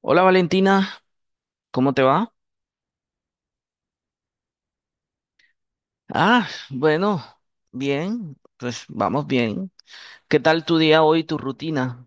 Hola Valentina, ¿cómo te va? Ah, bueno, bien, pues vamos bien. ¿Qué tal tu día hoy, tu rutina?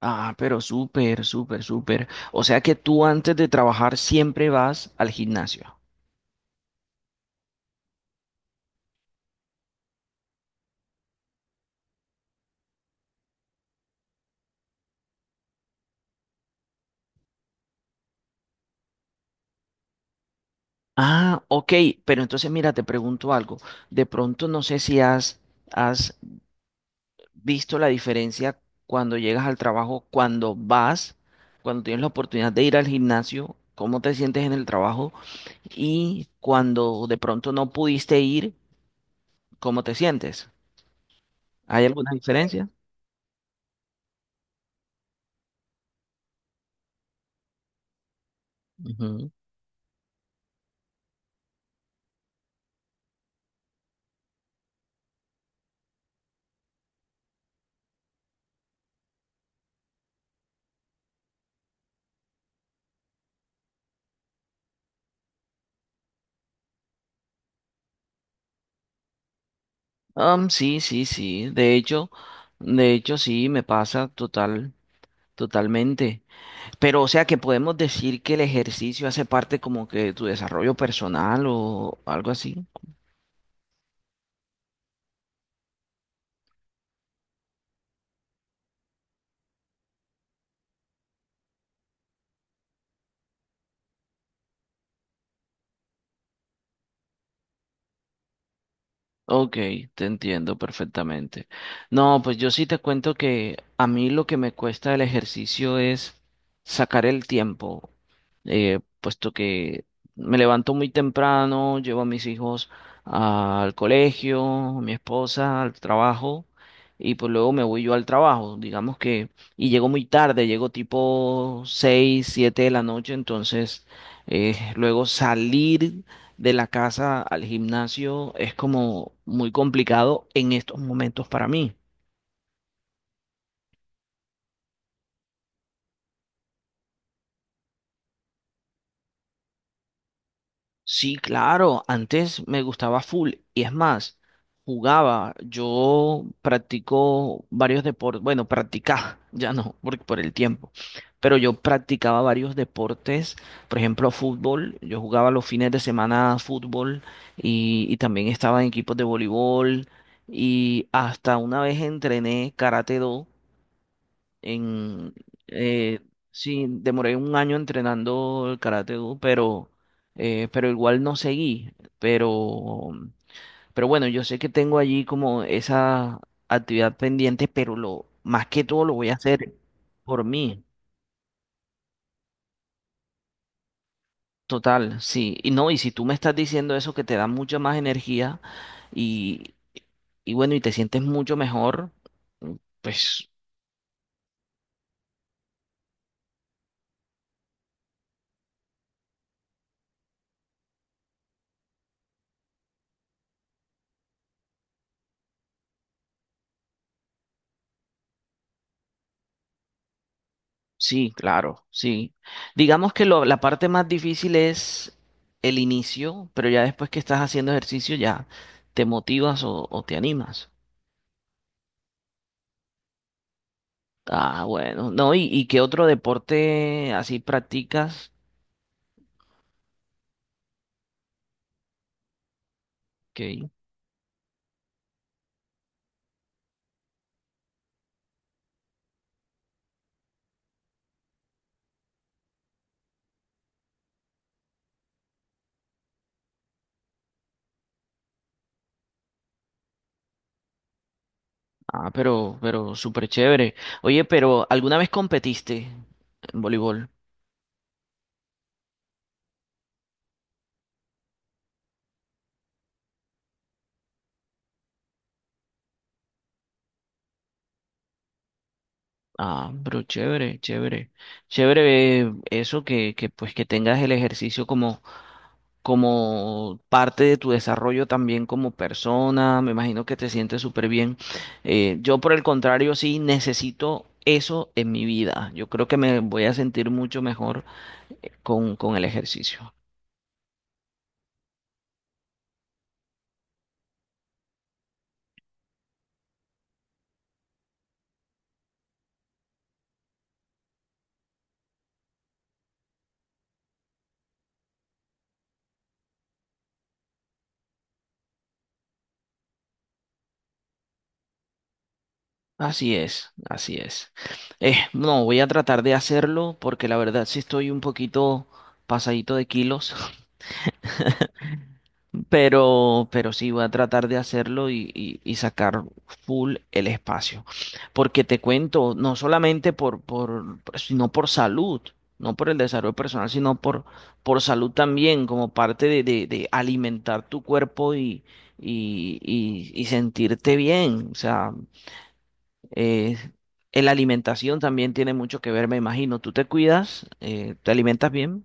Ah, pero súper, súper, súper. O sea que tú antes de trabajar siempre vas al gimnasio. Ah, ok, pero entonces mira, te pregunto algo. De pronto no sé si has visto la diferencia cuando llegas al trabajo, cuando vas, cuando tienes la oportunidad de ir al gimnasio, ¿cómo te sientes en el trabajo y cuando de pronto no pudiste ir, cómo te sientes? ¿Hay alguna diferencia? Ujú. Sí, sí, sí. De hecho, sí, me pasa total, totalmente. Pero o sea que podemos decir que el ejercicio hace parte como que de tu desarrollo personal o algo así. Ok, te entiendo perfectamente. No, pues yo sí te cuento que a mí lo que me cuesta el ejercicio es sacar el tiempo, puesto que me levanto muy temprano, llevo a mis hijos al colegio, mi esposa al trabajo, y pues luego me voy yo al trabajo, digamos que, y llego muy tarde, llego tipo 6 7 de la noche. Entonces, luego salir de la casa al gimnasio es como muy complicado en estos momentos para mí. Sí, claro, antes me gustaba full y es más, jugaba, yo practico varios deportes, bueno, practicaba, ya no, porque por el tiempo, pero yo practicaba varios deportes, por ejemplo, fútbol, yo jugaba los fines de semana fútbol, y también estaba en equipos de voleibol y hasta una vez entrené karate do en, eh, sí, demoré un año entrenando el Karate Do, pero igual no seguí. Pero, pero bueno, yo sé que tengo allí como esa actividad pendiente, pero, más que todo lo voy a hacer por mí. Total, sí. Y no, y si tú me estás diciendo eso que te da mucha más energía y, y bueno, y te sientes mucho mejor, pues. Sí, claro, sí. Digamos que la parte más difícil es el inicio, pero ya después que estás haciendo ejercicio ya te motivas o te animas. Ah, bueno, no, ¿y qué otro deporte así practicas? Ok. Ah, pero súper chévere. Oye, pero ¿alguna vez competiste en voleibol? Ah, pero chévere, chévere. Chévere, eso que pues que tengas el ejercicio como parte de tu desarrollo también como persona, me imagino que te sientes súper bien. Yo por el contrario, sí necesito eso en mi vida. Yo creo que me voy a sentir mucho mejor con el ejercicio. Así es, así es. No, voy a tratar de hacerlo porque la verdad sí estoy un poquito pasadito de kilos. Pero sí voy a tratar de hacerlo y sacar full el espacio. Porque te cuento, no solamente sino por salud, no por el desarrollo personal, sino por salud también, como parte de alimentar tu cuerpo y sentirte bien. O sea, eh, la alimentación también tiene mucho que ver, me imagino. ¿Tú te cuidas? Te alimentas bien?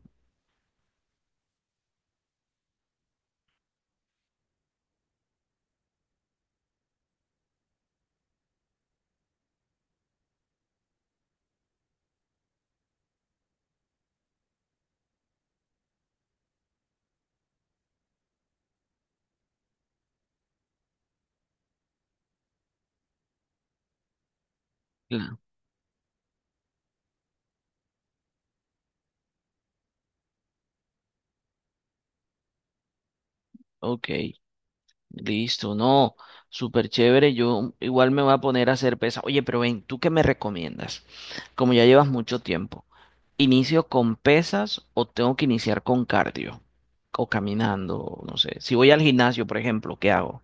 Claro. Ok. Listo, no, súper chévere. Yo igual me voy a poner a hacer pesas. Oye, pero ven, ¿tú qué me recomiendas? Como ya llevas mucho tiempo, ¿inicio con pesas o tengo que iniciar con cardio? O caminando, no sé. Si voy al gimnasio, por ejemplo, ¿qué hago?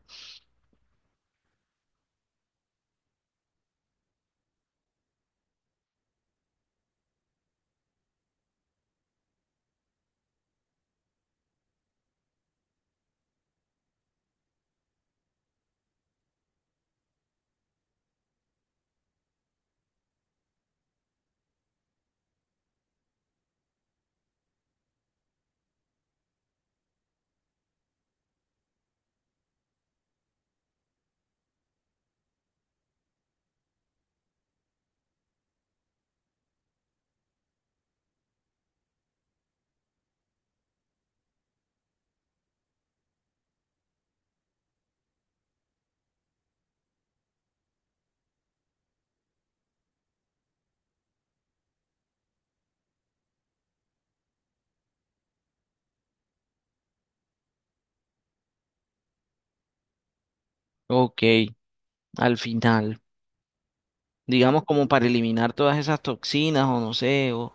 Ok, al final, digamos como para eliminar todas esas toxinas o no sé, o.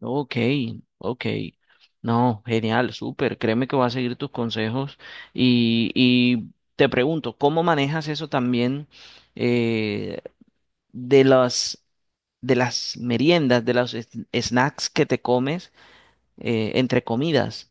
Ok, ok. No, genial, súper. Créeme que voy a seguir tus consejos. Y te pregunto, ¿cómo manejas eso también, eh, de las, de las meriendas, de los snacks que te comes entre comidas?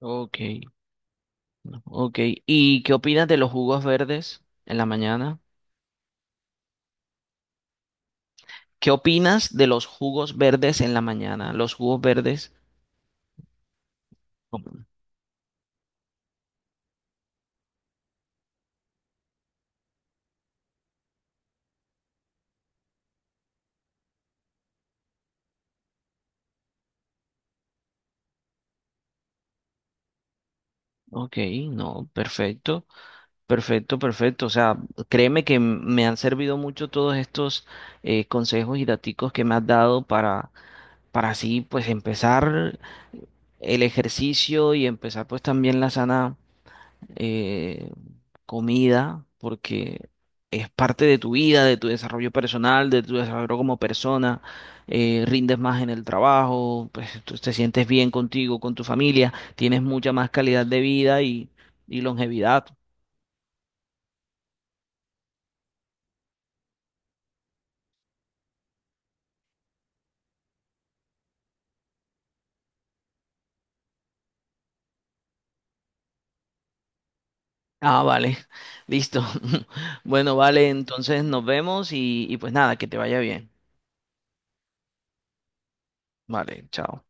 Ok, no, ok. ¿Y qué opinas de los jugos verdes en la mañana? ¿Qué opinas de los jugos verdes en la mañana? Los jugos verdes. Ok, no, perfecto. Perfecto, perfecto. O sea, créeme que me han servido mucho todos estos consejos y daticos que me has dado para, así pues empezar el ejercicio y empezar pues también la sana eh, comida, porque es parte de tu vida, de tu desarrollo personal, de tu desarrollo como persona. Rindes más en el trabajo, pues tú te sientes bien contigo, con tu familia, tienes mucha más calidad de vida y longevidad. Ah, vale. Listo. Bueno, vale, entonces nos vemos y pues nada, que te vaya bien. Vale, chao.